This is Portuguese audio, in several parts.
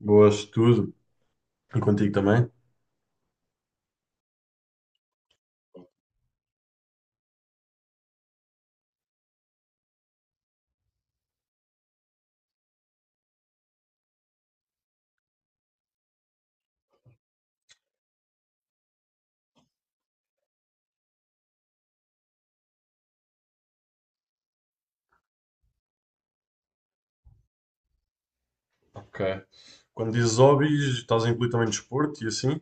Boas, tudo. E contigo também? Ok. Quando dizes hobbies, estás a incluir também desporto e assim?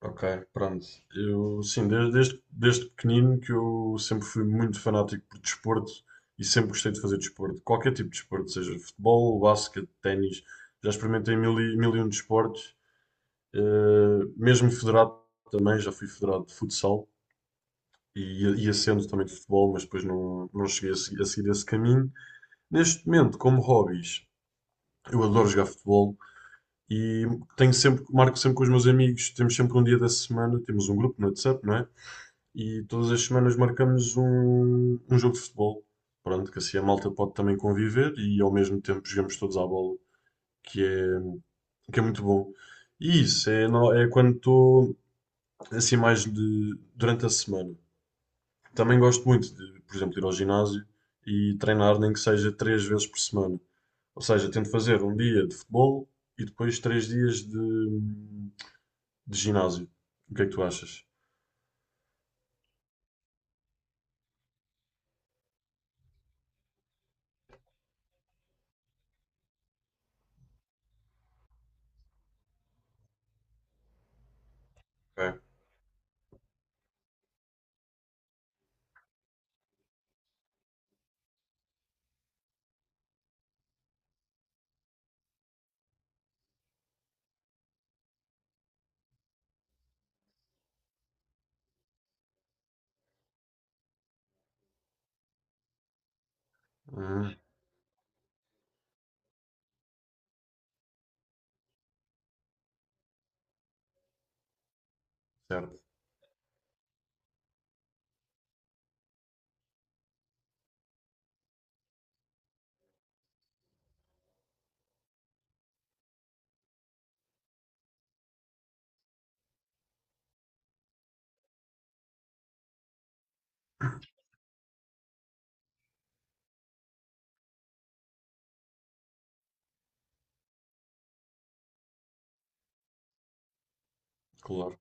Ok, pronto. Eu, sim, desde pequenino que eu sempre fui muito fanático por desporto e sempre gostei de fazer desporto. Qualquer tipo de desporto, seja futebol, basquete, ténis. Já experimentei mil e um desportos. Eh, Mesmo federado também, já fui federado de futsal e ia sendo também de futebol, mas depois não cheguei a, a seguir esse caminho. Neste momento, como hobbies, eu adoro jogar futebol. E tenho sempre, marco sempre com os meus amigos, temos sempre um dia da semana, temos um grupo no WhatsApp, não é? E todas as semanas marcamos um jogo de futebol. Pronto, que assim a malta pode também conviver e ao mesmo tempo jogamos todos à bola, que é, que é muito bom. E isso é, é quando estou assim mais de, durante a semana. Também gosto muito de, por exemplo, ir ao ginásio e treinar nem que seja três vezes por semana. Ou seja, tento fazer um dia de futebol e depois três dias de ginásio. O que é que tu achas? É. Uhum. Certo, claro,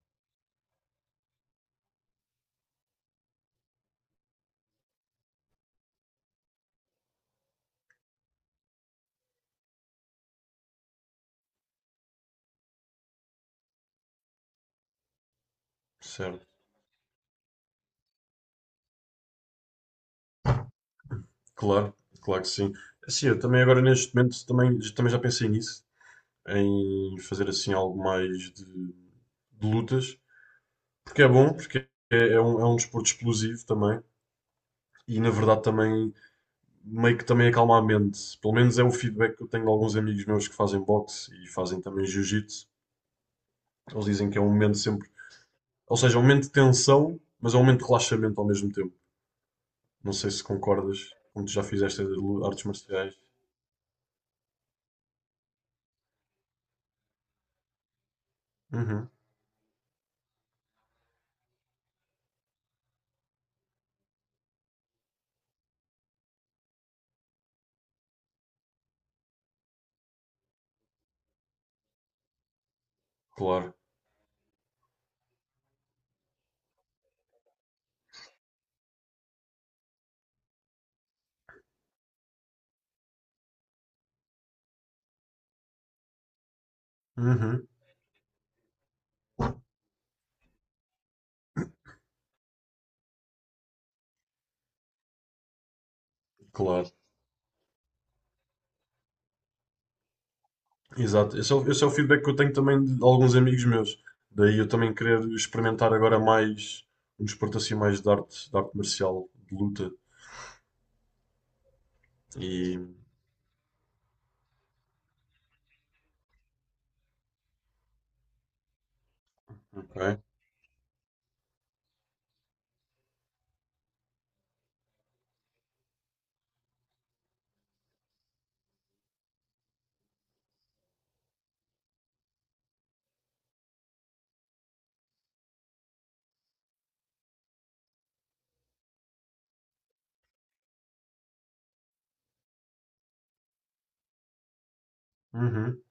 certo, claro, claro que sim. Assim, eu também agora neste momento também já pensei nisso, em fazer assim algo mais de lutas, porque é bom, porque é, é um desporto explosivo também, e na verdade também meio que também acalma a mente. Pelo menos é o feedback que eu tenho de alguns amigos meus que fazem boxe e fazem também jiu-jitsu. Eles dizem que é um momento sempre, ou seja, é um momento de tensão, mas é um momento de relaxamento ao mesmo tempo. Não sei se concordas, como tu já fizeste de artes marciais. Uhum, claro. Uhum, claro. Exato. Esse é o feedback que eu tenho também de alguns amigos meus. Daí eu também querer experimentar agora mais um desporto assim mais de arte marcial, de luta. E. Ok. Uhum,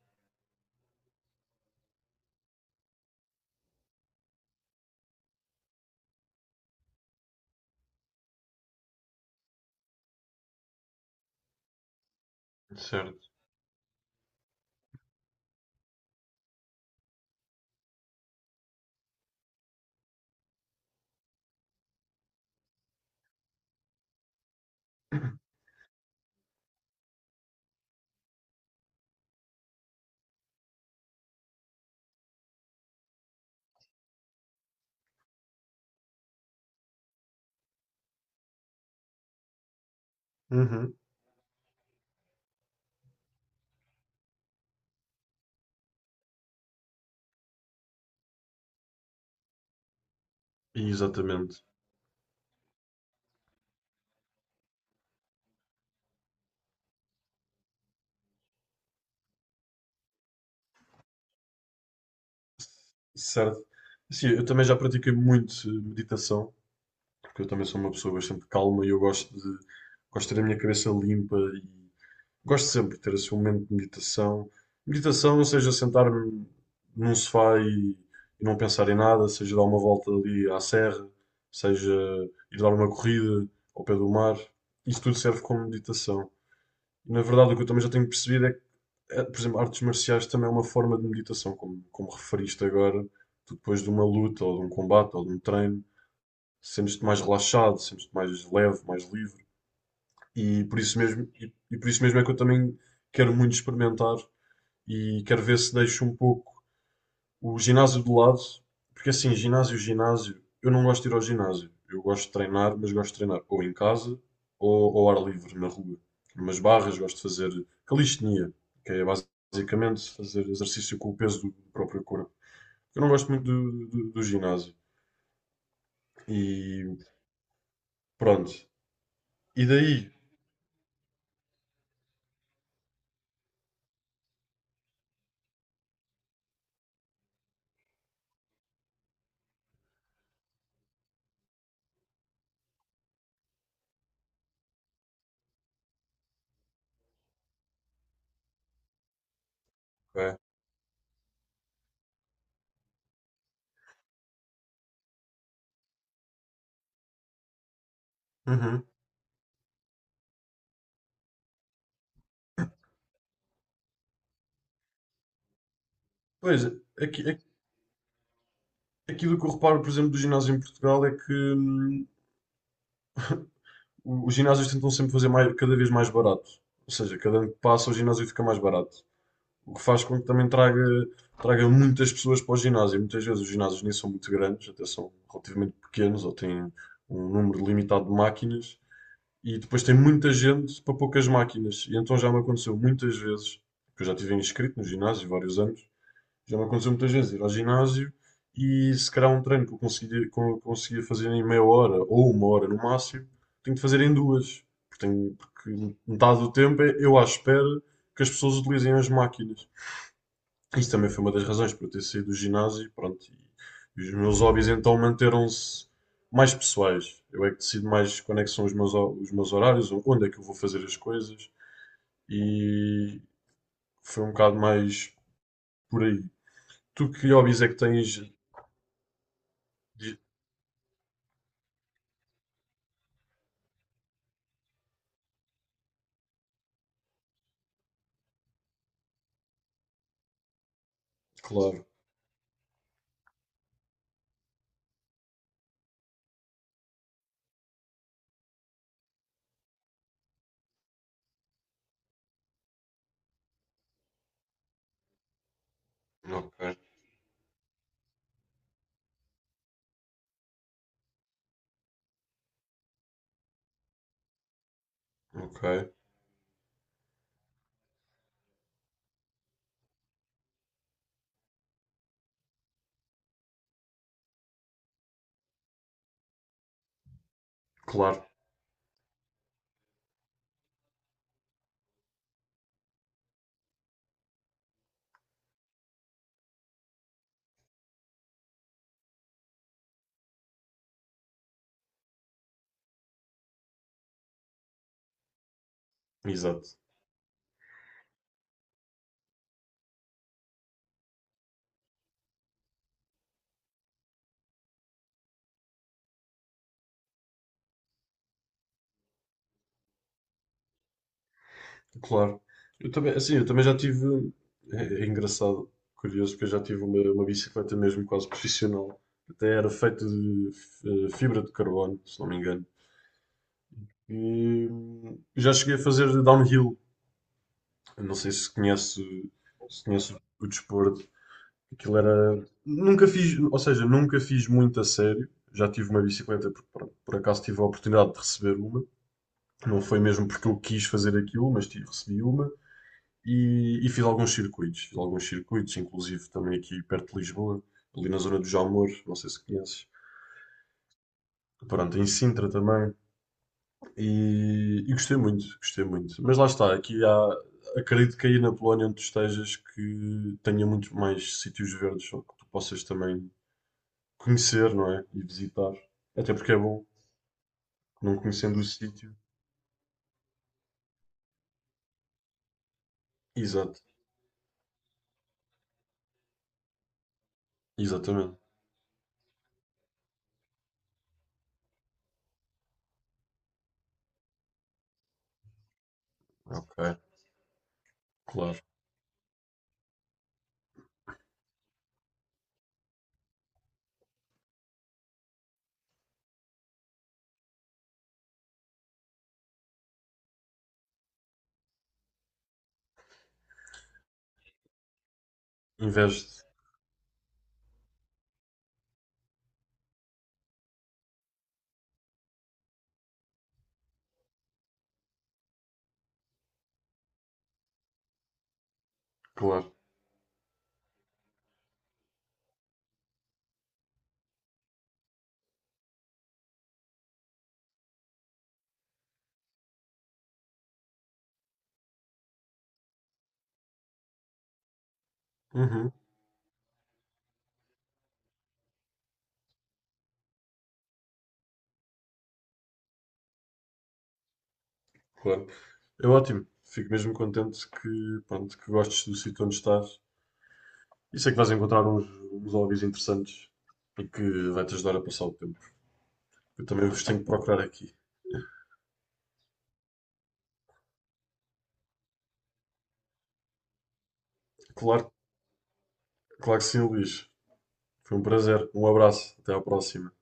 certo. Uhum, exatamente. Certo. Sim, eu também já pratiquei muito meditação, porque eu também sou uma pessoa bastante calma e eu gosto de ter a minha cabeça limpa. Gosto sempre de ter assim um momento de meditação. Meditação, seja sentar-me num sofá e não pensar em nada, seja dar uma volta ali à serra, seja ir dar uma corrida ao pé do mar. Isso tudo serve como meditação. E, na verdade, o que eu também já tenho percebido é que, por exemplo, artes marciais também é uma forma de meditação, como, como referiste agora. Tu depois de uma luta ou de um combate ou de um treino, sentes-te mais relaxado, sentes-te mais leve, mais livre. E por isso mesmo, e por isso mesmo é que eu também quero muito experimentar e quero ver se deixo um pouco o ginásio de lado, porque assim, eu não gosto de ir ao ginásio. Eu gosto de treinar, mas gosto de treinar ou em casa ou ao ar livre, na rua. Umas barras, gosto de fazer calistenia, que é basicamente fazer exercício com o peso do próprio corpo. Eu não gosto muito do, do ginásio. E pronto. E daí? É. Uhum. Pois, aqui, aquilo que eu reparo, por exemplo, do ginásio em Portugal é que os ginásios tentam sempre cada vez mais barato. Ou seja, cada ano que passa o ginásio fica mais barato. O que faz com que também traga, traga muitas pessoas para o ginásio. Muitas vezes os ginásios nem são muito grandes, até são relativamente pequenos ou têm um número limitado de máquinas. E depois tem muita gente para poucas máquinas. E então já me aconteceu muitas vezes, que eu já tive inscrito no ginásio vários anos. Já me aconteceu muitas vezes ir ao ginásio e se calhar um treino que eu conseguia fazer em meia hora ou uma hora no máximo, tenho de fazer em duas. Porque, porque metade do tempo é eu à espera que as pessoas utilizem as máquinas. Isso também foi uma das razões para eu ter saído do ginásio, pronto, e os meus hobbies então manteram-se mais pessoais. Eu é que decido mais quando é que são os meus, os meus horários, onde é que eu vou fazer as coisas, e foi um bocado mais por aí. Tu que hobbies é que tens? Claro, ok, ok. Claro, exato. Claro. Eu também, assim, eu também já tive. É, é engraçado, curioso, porque eu já tive uma bicicleta mesmo quase profissional. Até era feita de fibra de carbono, se não me engano. E já cheguei a fazer downhill. Eu não sei se conhece, se conhece o desporto. Aquilo era. Nunca fiz, ou seja, nunca fiz muito a sério. Já tive uma bicicleta, porque, pronto, por acaso tive a oportunidade de receber uma. Não foi mesmo porque eu quis fazer aquilo, mas recebi uma e fiz alguns circuitos. Fiz alguns circuitos, inclusive também aqui perto de Lisboa, ali na zona do Jamor, não sei se conheces. Pronto, em Sintra também. E gostei muito, gostei muito. Mas lá está, aqui há, acredito que aí na Polónia onde tu estejas que tenha muito mais sítios verdes ou que tu possas também conhecer, não é? E visitar. Até porque é bom, não conhecendo o sítio. Exato, exatamente. Ok, claro. Investe, claro. Uhum, claro. É ótimo. Fico mesmo contente que, pronto, que gostes do sítio onde estás. E sei que vais encontrar uns, uns hobbies interessantes e que vai te ajudar a passar o tempo. Eu também vos tenho que procurar aqui. Claro, claro que sim, Luís. Foi um prazer. Um abraço. Até à próxima.